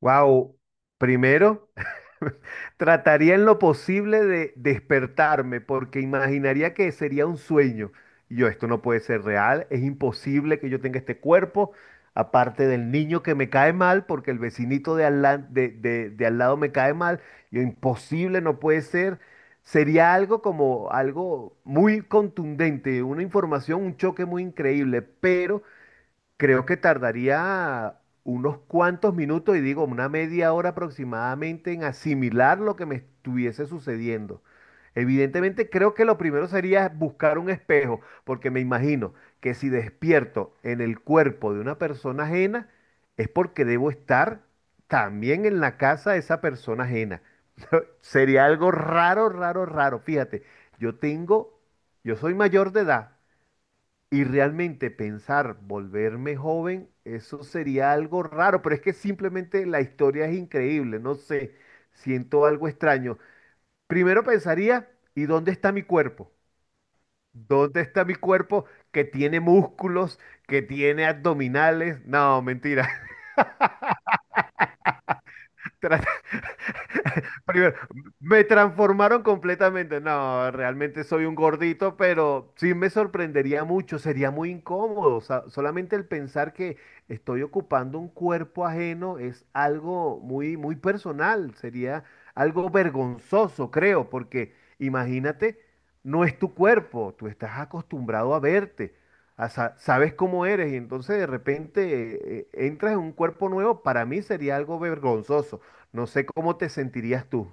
Wow, primero, trataría en lo posible de despertarme porque imaginaría que sería un sueño. Y yo, esto no puede ser real, es imposible que yo tenga este cuerpo, aparte del niño que me cae mal porque el vecinito de al, la- de al lado me cae mal. Yo, imposible, no puede ser. Sería algo como algo muy contundente, una información, un choque muy increíble, pero creo que tardaría unos cuantos minutos y digo una media hora aproximadamente en asimilar lo que me estuviese sucediendo. Evidentemente creo que lo primero sería buscar un espejo, porque me imagino que si despierto en el cuerpo de una persona ajena, es porque debo estar también en la casa de esa persona ajena. Sería algo raro, raro, raro. Fíjate, yo tengo, yo soy mayor de edad, y realmente pensar volverme joven, eso sería algo raro, pero es que simplemente la historia es increíble, no sé, siento algo extraño. Primero pensaría, ¿y dónde está mi cuerpo? ¿Dónde está mi cuerpo que tiene músculos, que tiene abdominales? No, mentira. Primero, me transformaron completamente. No, realmente soy un gordito, pero sí me sorprendería mucho, sería muy incómodo. O sea, solamente el pensar que estoy ocupando un cuerpo ajeno es algo muy, muy personal, sería algo vergonzoso, creo, porque imagínate, no es tu cuerpo, tú estás acostumbrado a verte, sabes cómo eres y entonces de repente entras en un cuerpo nuevo, para mí sería algo vergonzoso. No sé cómo te sentirías tú.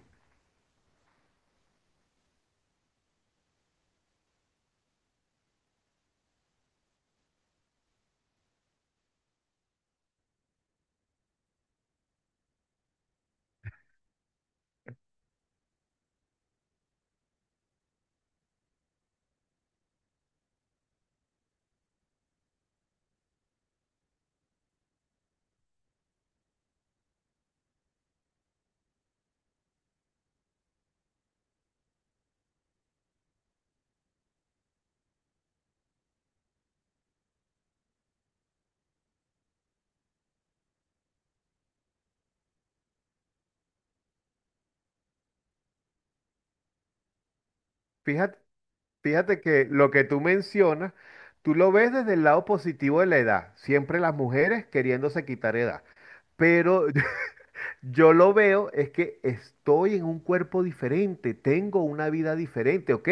Fíjate, fíjate que lo que tú mencionas, tú lo ves desde el lado positivo de la edad, siempre las mujeres queriéndose quitar edad. Pero yo lo veo es que estoy en un cuerpo diferente, tengo una vida diferente, ok.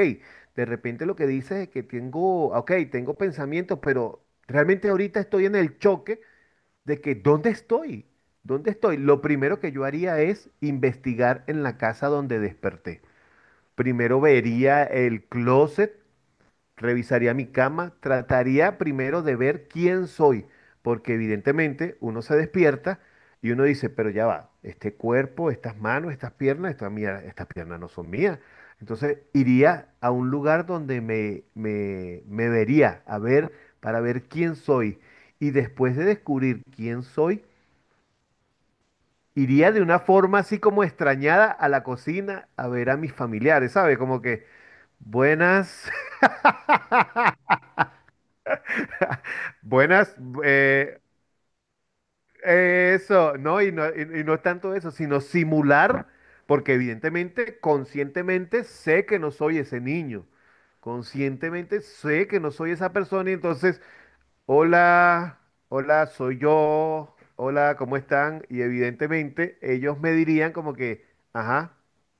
De repente lo que dices es que tengo, ok, tengo pensamientos, pero realmente ahorita estoy en el choque de que ¿dónde estoy? ¿Dónde estoy? Lo primero que yo haría es investigar en la casa donde desperté. Primero vería el closet, revisaría mi cama, trataría primero de ver quién soy, porque evidentemente uno se despierta y uno dice, pero ya va, este cuerpo, estas manos, estas piernas, estas piernas no son mías. Entonces iría a un lugar donde me vería a ver, para ver quién soy. Y después de descubrir quién soy, iría de una forma así como extrañada a la cocina a ver a mis familiares, ¿sabes? Como que buenas, buenas, eh, eso, ¿no? Y no, y no es tanto eso, sino simular, porque evidentemente, conscientemente sé que no soy ese niño, conscientemente sé que no soy esa persona y entonces hola, hola, soy yo, hola, ¿cómo están? Y evidentemente ellos me dirían como que, ajá,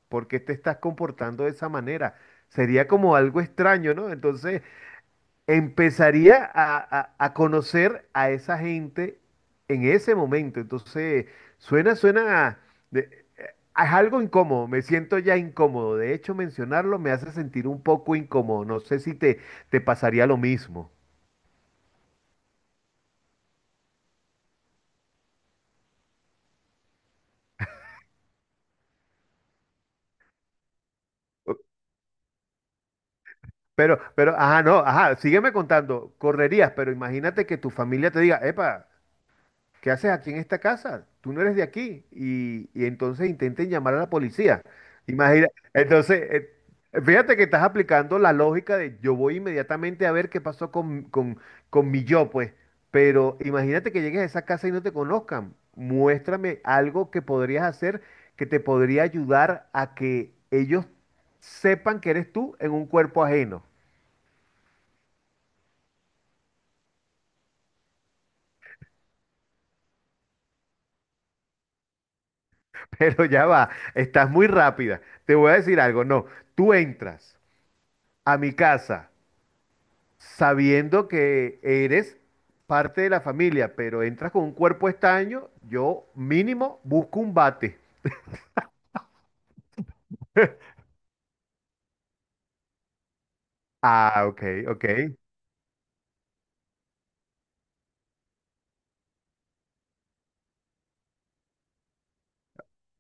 ¿por qué te estás comportando de esa manera? Sería como algo extraño, ¿no? Entonces empezaría a conocer a esa gente en ese momento. Entonces suena, suena, de- eh, es algo incómodo, me siento ya incómodo. De hecho, mencionarlo me hace sentir un poco incómodo. No sé si te, te pasaría lo mismo. Pero, ajá, no, ajá, sígueme contando, correrías, pero imagínate que tu familia te diga, epa, ¿qué haces aquí en esta casa? Tú no eres de aquí. Y entonces intenten llamar a la policía. Imagina, entonces, fíjate que estás aplicando la lógica de yo voy inmediatamente a ver qué pasó con mi yo, pues. Pero imagínate que llegues a esa casa y no te conozcan. Muéstrame algo que podrías hacer que te podría ayudar a que ellos sepan que eres tú en un cuerpo ajeno. Pero ya va, estás muy rápida. Te voy a decir algo, no, tú entras a mi casa sabiendo que eres parte de la familia, pero entras con un cuerpo estaño, yo mínimo busco un bate. Ah, ok, ok,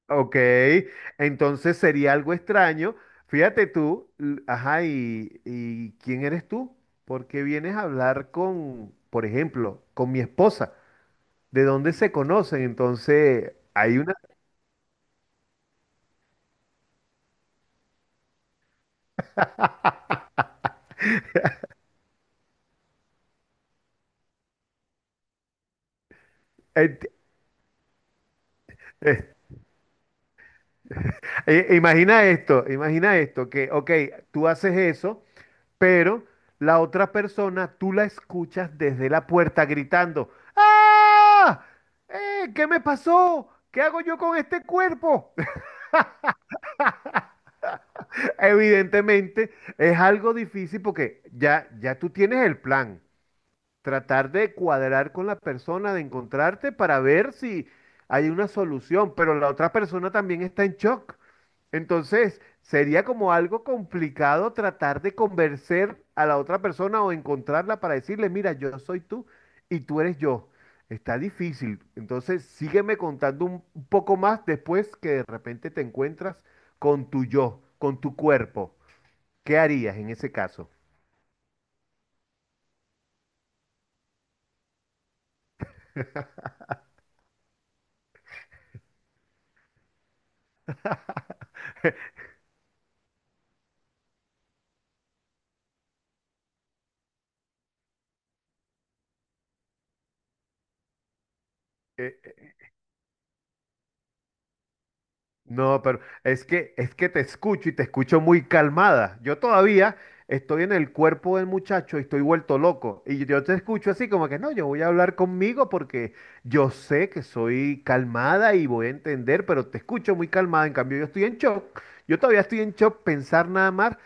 ok. Entonces sería algo extraño. Fíjate tú, ajá, y ¿quién eres tú? ¿Por qué vienes a hablar con, por ejemplo, con mi esposa? ¿De dónde se conocen? Entonces, hay una eh, imagina esto, imagina esto, que, ok, tú haces eso, pero la otra persona tú la escuchas desde la puerta gritando, ¡ah! ¿Qué me pasó? ¿Qué hago yo con este cuerpo? Evidentemente es algo difícil porque ya, ya tú tienes el plan, tratar de cuadrar con la persona, de encontrarte para ver si hay una solución, pero la otra persona también está en shock. Entonces, sería como algo complicado tratar de convencer a la otra persona o encontrarla para decirle, mira, yo soy tú y tú eres yo. Está difícil. Entonces, sígueme contando un poco más después que de repente te encuentras con tu yo, con tu cuerpo. ¿Qué harías en ese caso? Eh, No, pero es que te escucho y te escucho muy calmada. Yo todavía estoy en el cuerpo del muchacho y estoy vuelto loco. Y yo te escucho así como que no, yo voy a hablar conmigo porque yo sé que soy calmada y voy a entender, pero te escucho muy calmada. En cambio, yo estoy en shock. Yo todavía estoy en shock pensar nada más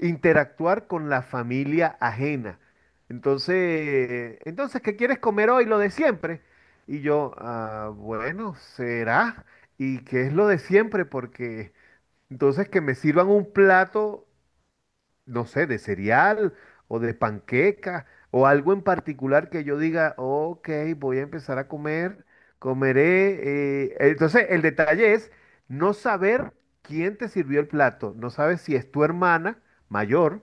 interactuar con la familia ajena. Entonces, entonces, ¿qué quieres comer hoy? Lo de siempre. Y yo, "Ah, bueno, será. ¿Y qué es lo de siempre? Porque entonces que me sirvan un plato, no sé, de cereal o de panqueca o algo en particular que yo diga, ok, voy a empezar a comer, comeré. Entonces, el detalle es no saber quién te sirvió el plato. No sabes si es tu hermana mayor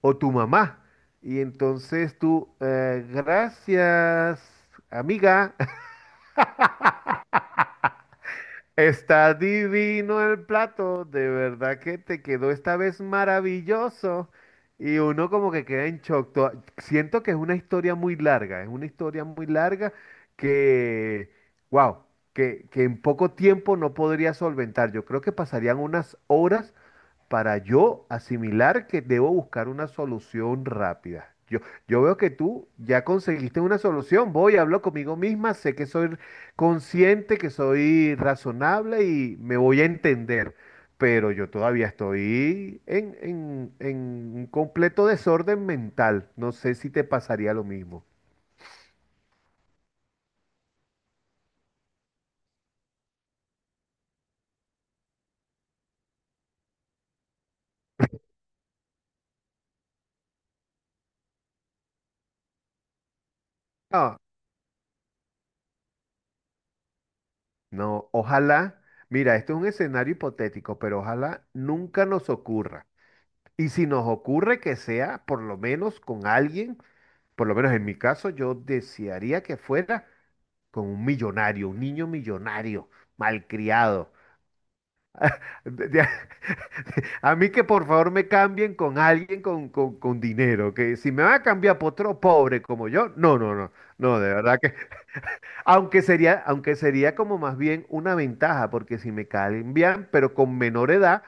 o tu mamá. Y entonces tú, gracias, amiga. Está divino el plato, de verdad que te quedó esta vez maravilloso. Y uno como que queda en shock. Siento que es una historia muy larga, es una historia muy larga que, wow, que en poco tiempo no podría solventar. Yo creo que pasarían unas horas para yo asimilar que debo buscar una solución rápida. Yo veo que tú ya conseguiste una solución, voy, hablo conmigo misma, sé que soy consciente, que soy razonable y me voy a entender, pero yo todavía estoy en un completo desorden mental. No sé si te pasaría lo mismo. No, no, ojalá, mira, esto es un escenario hipotético, pero ojalá nunca nos ocurra. Y si nos ocurre que sea, por lo menos con alguien, por lo menos en mi caso, yo desearía que fuera con un millonario, un niño millonario, malcriado. De- de- a mí que por favor me cambien con alguien con, con dinero, que si me van a cambiar por otro pobre como yo, no, no, no, no, de verdad que, aunque sería como más bien una ventaja, porque si me cambian, pero con menor edad,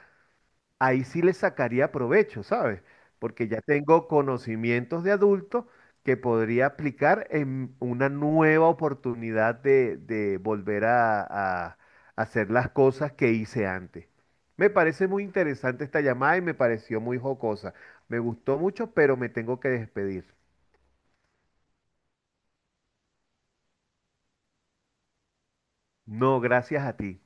ahí sí le sacaría provecho, ¿sabes? Porque ya tengo conocimientos de adulto que podría aplicar en una nueva oportunidad de volver a hacer las cosas que hice antes. Me parece muy interesante esta llamada y me pareció muy jocosa. Me gustó mucho, pero me tengo que despedir. No, gracias a ti.